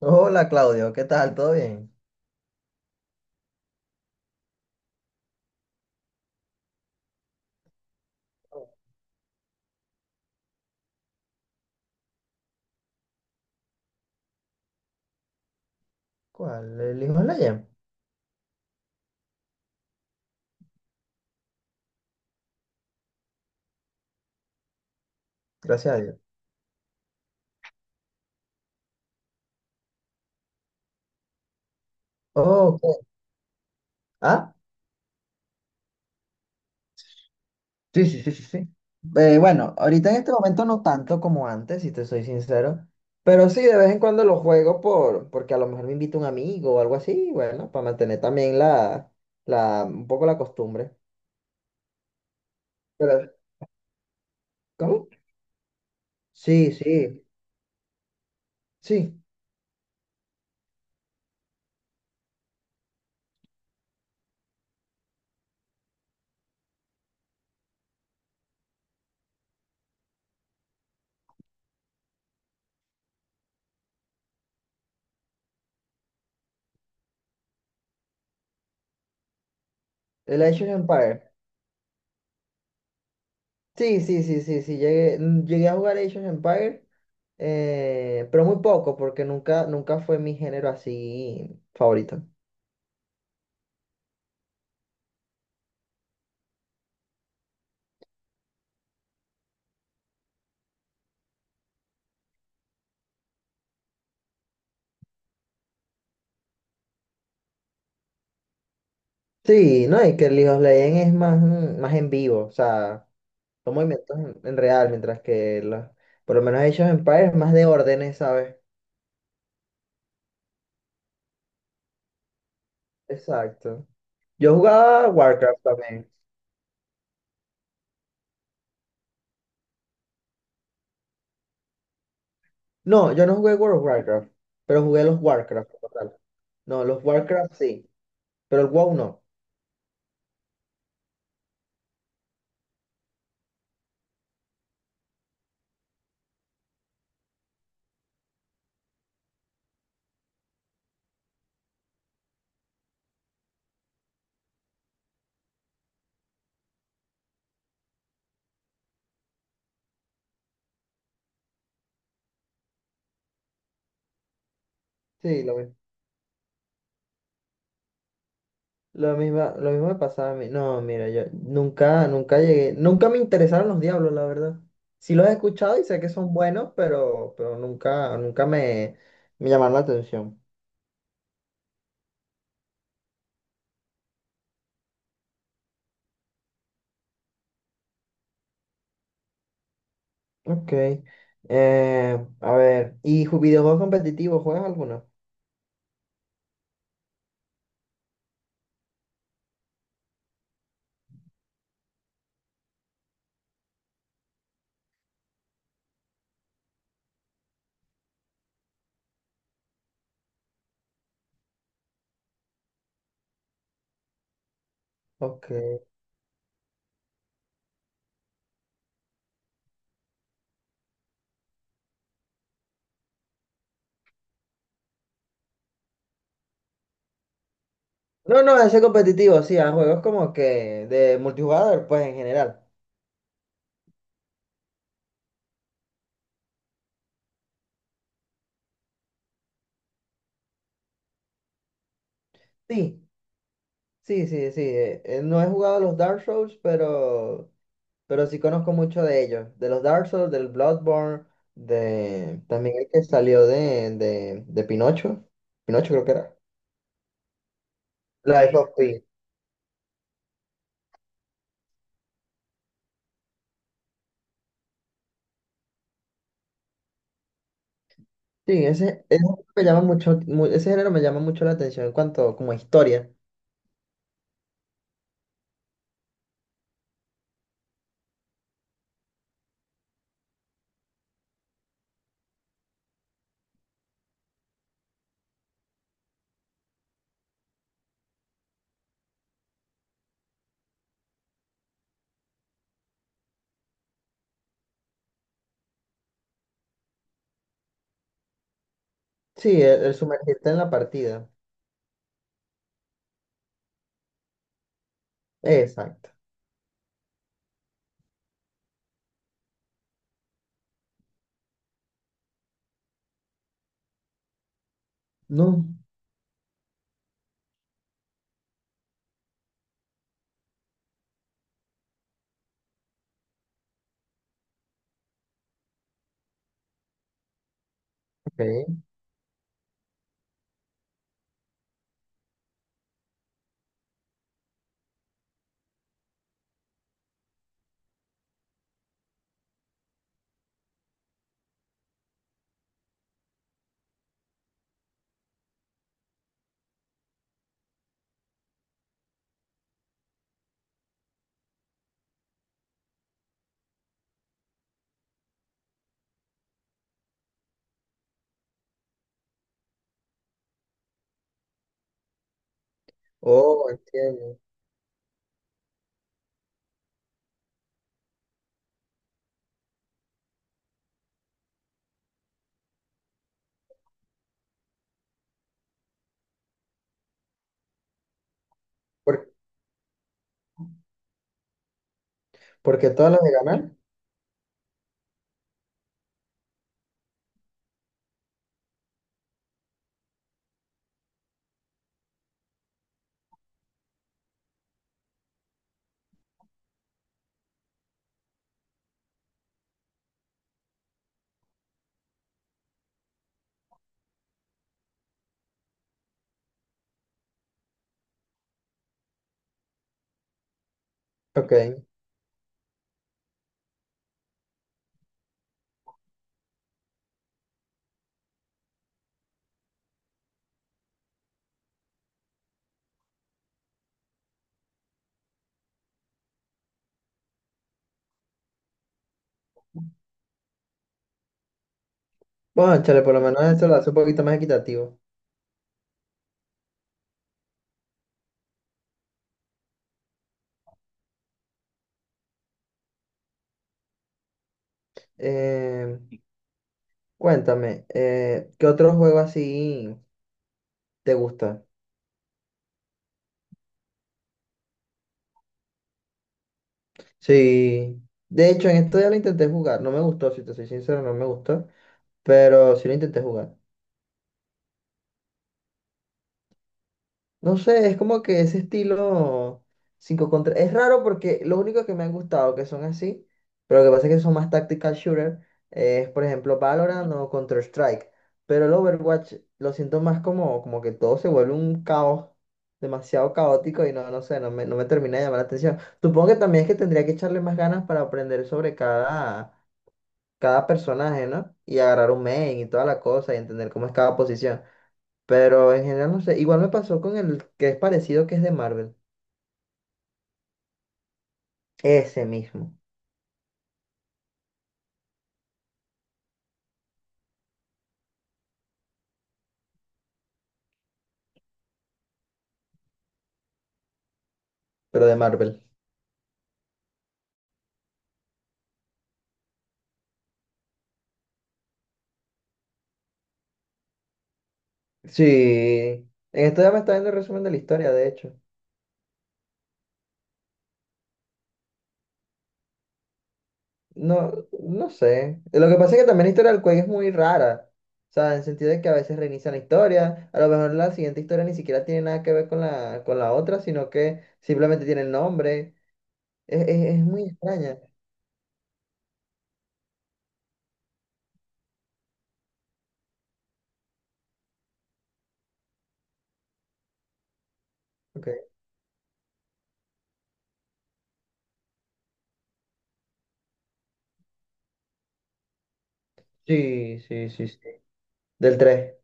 Hola Claudio, ¿qué tal? ¿Todo bien? ¿Cuál? ¿El hijo de la gracias a Dios. Oh, ok. ¿Ah? Sí, sí, sí, sí, sí. Bueno, ahorita en este momento no tanto como antes, si te soy sincero, pero sí de vez en cuando lo juego porque a lo mejor me invita un amigo o algo así, bueno, para mantener también un poco la costumbre. Pero, ¿cómo? Sí, sí, sí, el Age of Empires. Sí, sí, sí, sí, sí, llegué a jugar Age of Empires, pero muy poco, porque nunca fue mi género así favorito. Sí, no, y que el League of Legends es más, más en vivo, o sea, son movimientos en real, mientras que por lo menos Age of Empires es más de órdenes, ¿sabes? Exacto. Yo jugaba Warcraft también. No, yo no jugué World of Warcraft, pero jugué los Warcraft como tal. No, los Warcraft sí, pero el WoW no. Sí, lo mismo. Lo mismo me pasaba a mí. No, mira, yo nunca llegué, nunca me interesaron los diablos, la verdad. Sí los he escuchado y sé que son buenos, pero, pero nunca me llamaron la atención. Ok. A ver, ¿y videojuegos competitivos? ¿Juegas alguno? Ok. No, no, ese competitivo, sí, a juegos como que de multijugador, pues en general. Sí, sí, sí, sí. No he jugado los Dark Souls, pero sí conozco mucho de ellos, de los Dark Souls, del Bloodborne, de también el que salió de Pinocho, Pinocho creo que era, Life Sí. of Pi. Sí, ese me llama mucho, ese género me llama mucho la atención en cuanto como a historia. Sí, el sumergirte en la partida. Exacto. No. Ok. Oh, entiendo. ¿Por, ¿Por qué todas las de ganar? Ok. Bueno, chale, por lo menos eso lo hace un poquito más equitativo. Eh, Cuéntame, ¿qué otro juego así? ¿Te gusta? Sí. De hecho, en esto ya lo intenté jugar. No me gustó, si te soy sincero, no me gustó. Pero sí lo intenté jugar. No sé, es como que ese estilo 5 contra... Es raro porque lo único que me han gustado que son así, pero lo que pasa es que son más tactical shooter, es por ejemplo Valorant o Counter-Strike. Pero el Overwatch lo siento más como, como que todo se vuelve un caos, demasiado caótico y no, no sé, no me termina de llamar la atención. Supongo que también es que tendría que echarle más ganas para aprender sobre cada personaje, ¿no? Y agarrar un main y toda la cosa y entender cómo es cada posición. Pero en general no sé. Igual me pasó con el que es parecido, que es de Marvel. Ese mismo, pero de Marvel. Sí. En esto ya me está viendo el resumen de la historia, de hecho. No, no sé. Lo que pasa es que también la historia del juego es muy rara. O sea, en el sentido de que a veces reinicia la historia, a lo mejor la siguiente historia ni siquiera tiene nada que ver con con la otra, sino que simplemente tiene el nombre. Es muy extraña. Ok. Sí, sí, sí, sí. Del 3.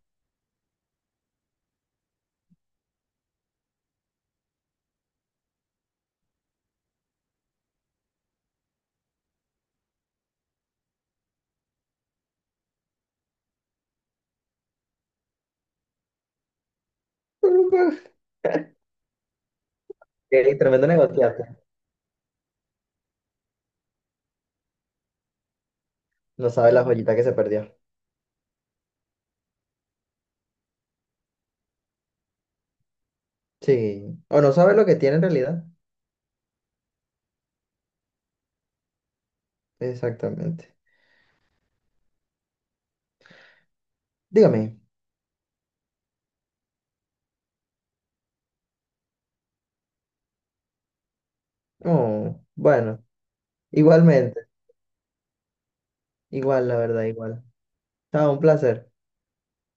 Tremendo negociante. No sabe la joyita que se perdió. Sí. O no sabe lo que tiene en realidad. Exactamente. Dígame. Oh, bueno. Igualmente. Igual, la verdad, igual. Chao, un placer.